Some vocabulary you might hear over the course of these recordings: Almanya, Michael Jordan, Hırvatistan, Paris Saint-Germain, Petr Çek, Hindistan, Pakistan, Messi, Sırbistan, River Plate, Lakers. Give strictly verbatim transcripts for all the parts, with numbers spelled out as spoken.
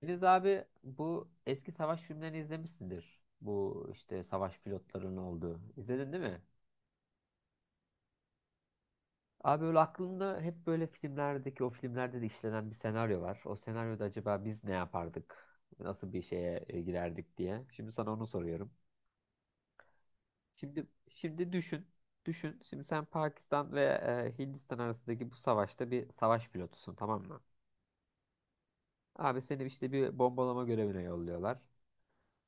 Filiz abi, bu eski savaş filmlerini izlemişsindir. Bu işte savaş pilotlarının olduğu. İzledin değil mi? Abi öyle aklımda hep böyle filmlerdeki o filmlerde de işlenen bir senaryo var. O senaryoda acaba biz ne yapardık? Nasıl bir şeye e, girerdik diye. Şimdi sana onu soruyorum. Şimdi şimdi düşün. Düşün. Şimdi sen Pakistan ve e, Hindistan arasındaki bu savaşta bir savaş pilotusun, tamam mı? Abi seni işte bir bombalama görevine yolluyorlar.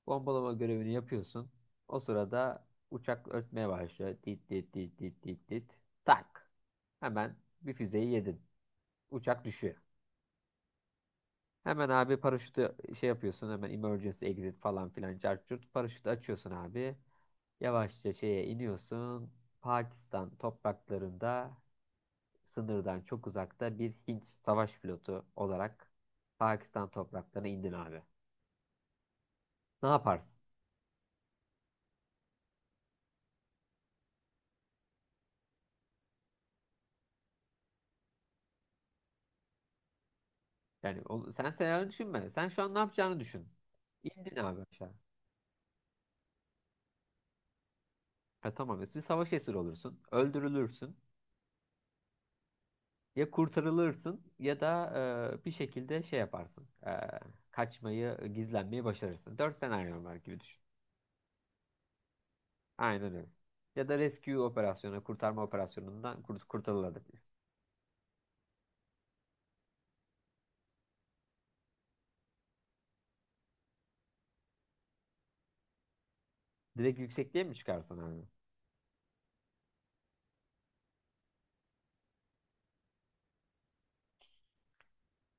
Bombalama görevini yapıyorsun. O sırada uçak ötmeye başlıyor. Dit dit dit dit dit dit. Tak. Hemen bir füzeyi yedin. Uçak düşüyor. Hemen abi paraşütü şey yapıyorsun. Hemen emergency exit falan filan cart curt. Paraşütü açıyorsun abi. Yavaşça şeye iniyorsun. Pakistan topraklarında, sınırdan çok uzakta, bir Hint savaş pilotu olarak Pakistan topraklarına indin abi. Ne yaparsın? Yani o- sen senaryo düşünme. Sen şu an ne yapacağını düşün. İndin abi aşağı. Ha, tamam, bir savaş esiri olursun. Öldürülürsün. Ya kurtarılırsın ya da e, bir şekilde şey yaparsın. E, kaçmayı, gizlenmeyi başarırsın. Dört senaryo var gibi düşün. Aynen öyle. Ya da rescue operasyonu, kurtarma operasyonundan kurt kurtarılabilir. Direkt yüksekliğe mi çıkarsın abi?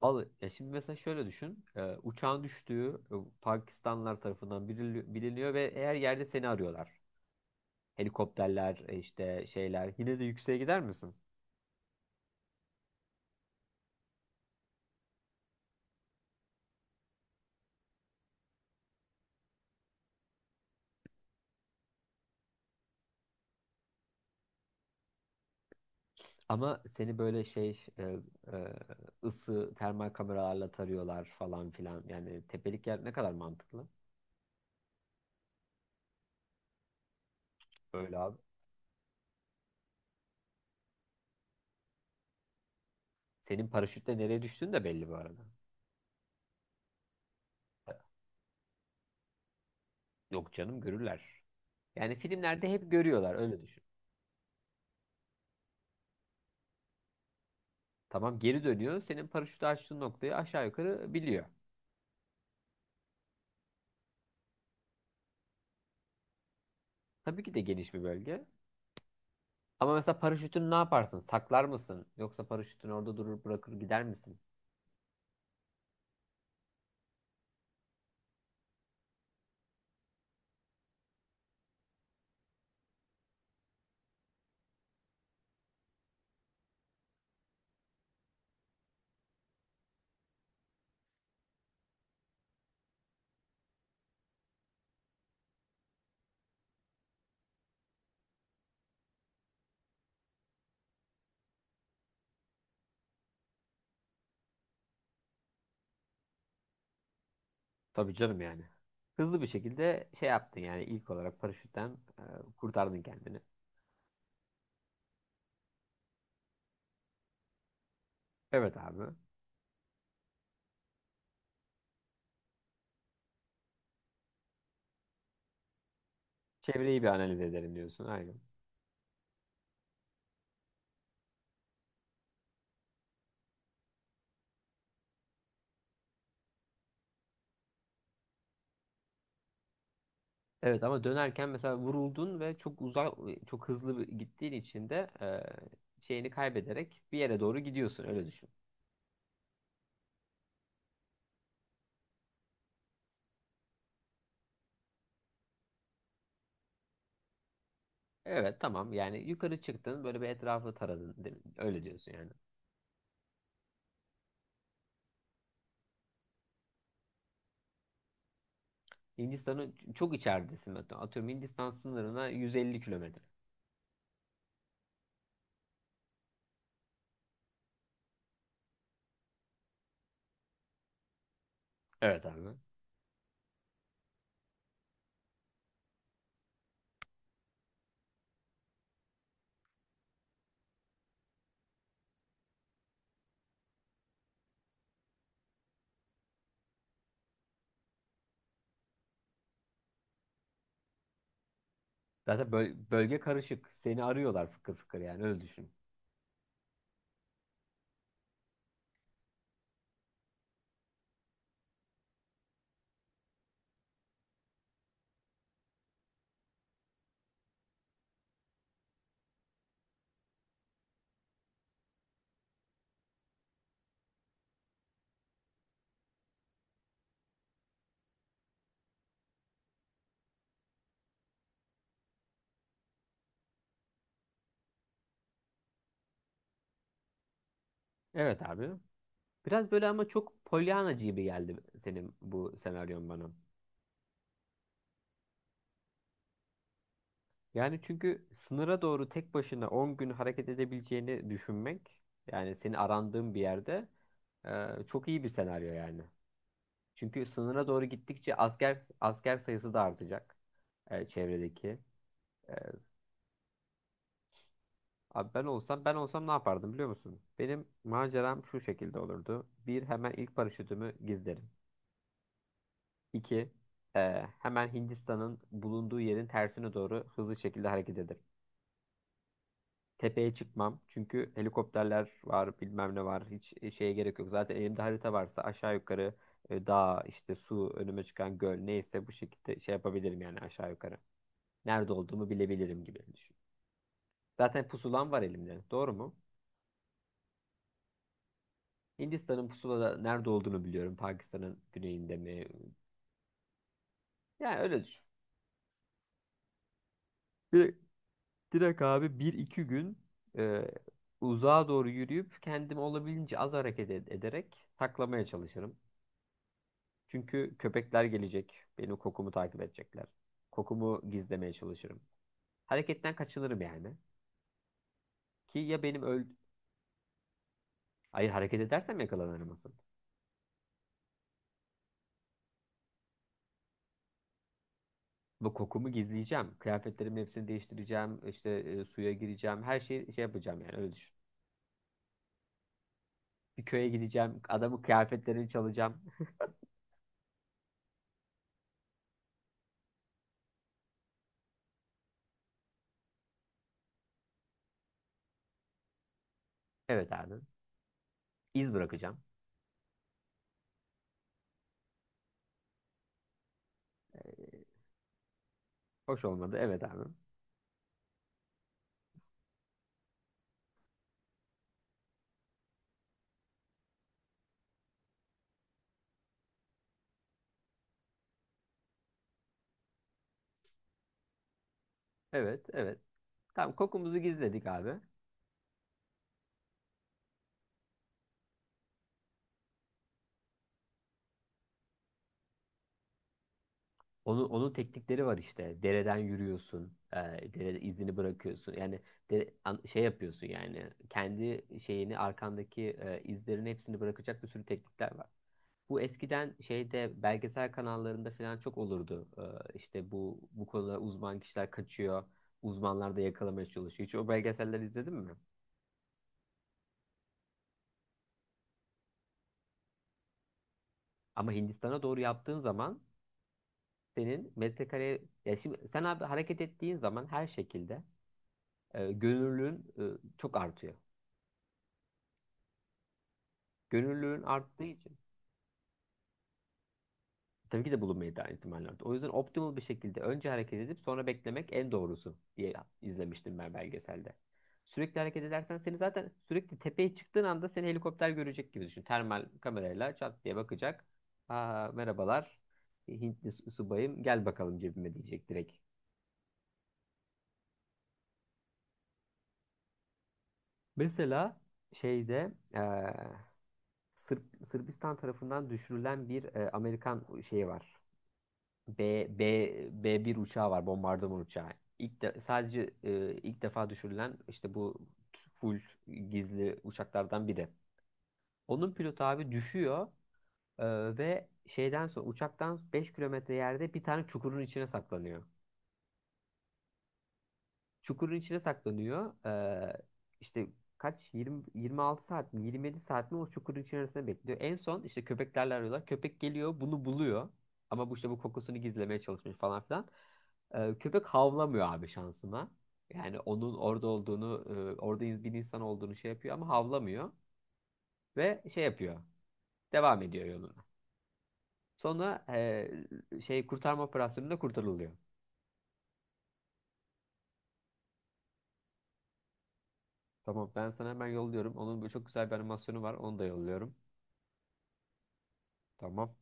Al, ya şimdi mesela şöyle düşün. E, uçağın düştüğü e, Pakistanlılar tarafından bilini- biliniyor ve eğer yerde seni arıyorlar. Helikopterler e, işte şeyler. Yine de yükseğe gider misin? Ama seni böyle şey e, e, ısı termal kameralarla tarıyorlar falan filan. Yani tepelik yer ne kadar mantıklı? Öyle abi. Senin paraşütle nereye düştüğün de belli bu arada. Yok canım, görürler. Yani filmlerde hep görüyorlar, öyle düşün. Tamam, geri dönüyor, senin paraşütü açtığın noktayı aşağı yukarı biliyor. Tabii ki de geniş bir bölge. Ama mesela paraşütünü ne yaparsın? Saklar mısın? Yoksa paraşütün orada durur, bırakır gider misin? Tabii canım yani. Hızlı bir şekilde şey yaptın yani, ilk olarak paraşütten e, kurtardın kendini. Evet abi. Çevreyi bir analiz edelim diyorsun. Aynen. Evet, ama dönerken mesela vuruldun ve çok uzak, çok hızlı bir- gittiğin için de e, şeyini kaybederek bir yere doğru gidiyorsun. Öyle düşün. Evet tamam, yani yukarı çıktın, böyle bir etrafı taradın, değil mi? Öyle diyorsun yani. Hindistan'ın çok içeridesin, hatta. Atıyorum, Hindistan sınırına yüz elli kilometre. Evet abi. Zaten böl- bölge karışık. Seni arıyorlar fıkır fıkır, yani öyle düşün. Evet abi. Biraz böyle ama çok polyanacı gibi geldi senin bu senaryon bana. Yani çünkü sınıra doğru tek başına on gün hareket edebileceğini düşünmek, yani seni arandığın bir yerde, e, çok iyi bir senaryo yani. Çünkü sınıra doğru gittikçe asker asker sayısı da artacak e, çevredeki. E, Abi ben olsam, ben olsam ne yapardım biliyor musun? Benim maceram şu şekilde olurdu. Bir, hemen ilk paraşütümü gizlerim. İki, Ee, hemen Hindistan'ın bulunduğu yerin tersine doğru hızlı şekilde hareket ederim. Tepeye çıkmam çünkü helikopterler var, bilmem ne var. Hiç e, şeye gerek yok. Zaten elimde harita varsa aşağı yukarı e, dağ, işte su, önüme çıkan göl, neyse bu şekilde şey yapabilirim yani aşağı yukarı. Nerede olduğumu bilebilirim gibi düşün. Zaten pusulam var elimde. Doğru mu? Hindistan'ın pusulada nerede olduğunu biliyorum. Pakistan'ın güneyinde mi? Yani öyle düşün. Bir Direkt abi bir iki gün e, uzağa doğru yürüyüp kendimi olabildiğince az hareket ed- ederek saklamaya çalışırım. Çünkü köpekler gelecek. Benim kokumu takip edecekler. Kokumu gizlemeye çalışırım. Hareketten kaçınırım yani. Ki ya benim öl... Ay, hareket edersem yakalanırım asıl. Bu kokumu gizleyeceğim. Kıyafetlerimin hepsini değiştireceğim. İşte e, suya gireceğim. Her şeyi şey yapacağım yani, öyle düşün. Bir köye gideceğim. Adamın kıyafetlerini çalacağım. Evet abi. İz bırakacağım. Hoş olmadı. Evet abi. Evet, evet. Tamam, kokumuzu gizledik abi. Onun, onun teknikleri var işte. Dereden yürüyorsun. E, derede izini bırakıyorsun. Yani de, an- şey yapıyorsun yani. Kendi şeyini, arkandaki e, izlerin hepsini bırakacak bir sürü teknikler var. Bu eskiden şeyde belgesel kanallarında falan çok olurdu. E, işte bu bu konuda uzman kişiler kaçıyor. Uzmanlar da yakalamaya çalışıyor. Hiç o belgeseller izledin mi? Ama Hindistan'a doğru yaptığın zaman senin metrekare ya, şimdi sen abi hareket ettiğin zaman her şekilde e, gönüllülüğün e, çok artıyor. Gönüllülüğün arttığı için tabii ki de bulunmayı da ihtimaller artıyor. O yüzden optimal bir şekilde önce hareket edip sonra beklemek en doğrusu diye izlemiştim ben belgeselde. Sürekli hareket edersen seni zaten, sürekli tepeye çıktığın anda seni helikopter görecek gibi düşün. Termal kamerayla çat diye bakacak. Aa, merhabalar Hintli su- subayım, gel bakalım cebime diyecek direkt. Mesela şeyde eee, Sırp- Sırbistan tarafından düşürülen bir e, Amerikan şeyi var. B B b bir uçağı var, bombardıman uçağı. İlk de, sadece e, ilk defa düşürülen işte bu full gizli uçaklardan biri. Onun pilotu abi düşüyor e, ve şeyden sonra uçaktan beş kilometre yerde bir tane çukurun içine saklanıyor. Çukurun içine saklanıyor. Ee, işte kaç, yirmi yirmi altı saat mi, yirmi yedi saat mi o çukurun içerisinde bekliyor. En son işte köpeklerle arıyorlar. Köpek geliyor, bunu buluyor. Ama bu işte bu kokusunu gizlemeye çalışmış falan filan. Ee, köpek havlamıyor abi şansına. Yani onun orada olduğunu, e, orada in- bir insan olduğunu şey yapıyor ama havlamıyor ve şey yapıyor. Devam ediyor yoluna. Sonra e, şey, kurtarma operasyonunda kurtarılıyor. Tamam, ben sana hemen yolluyorum. Onun böyle çok güzel bir animasyonu var. Onu da yolluyorum. Tamam.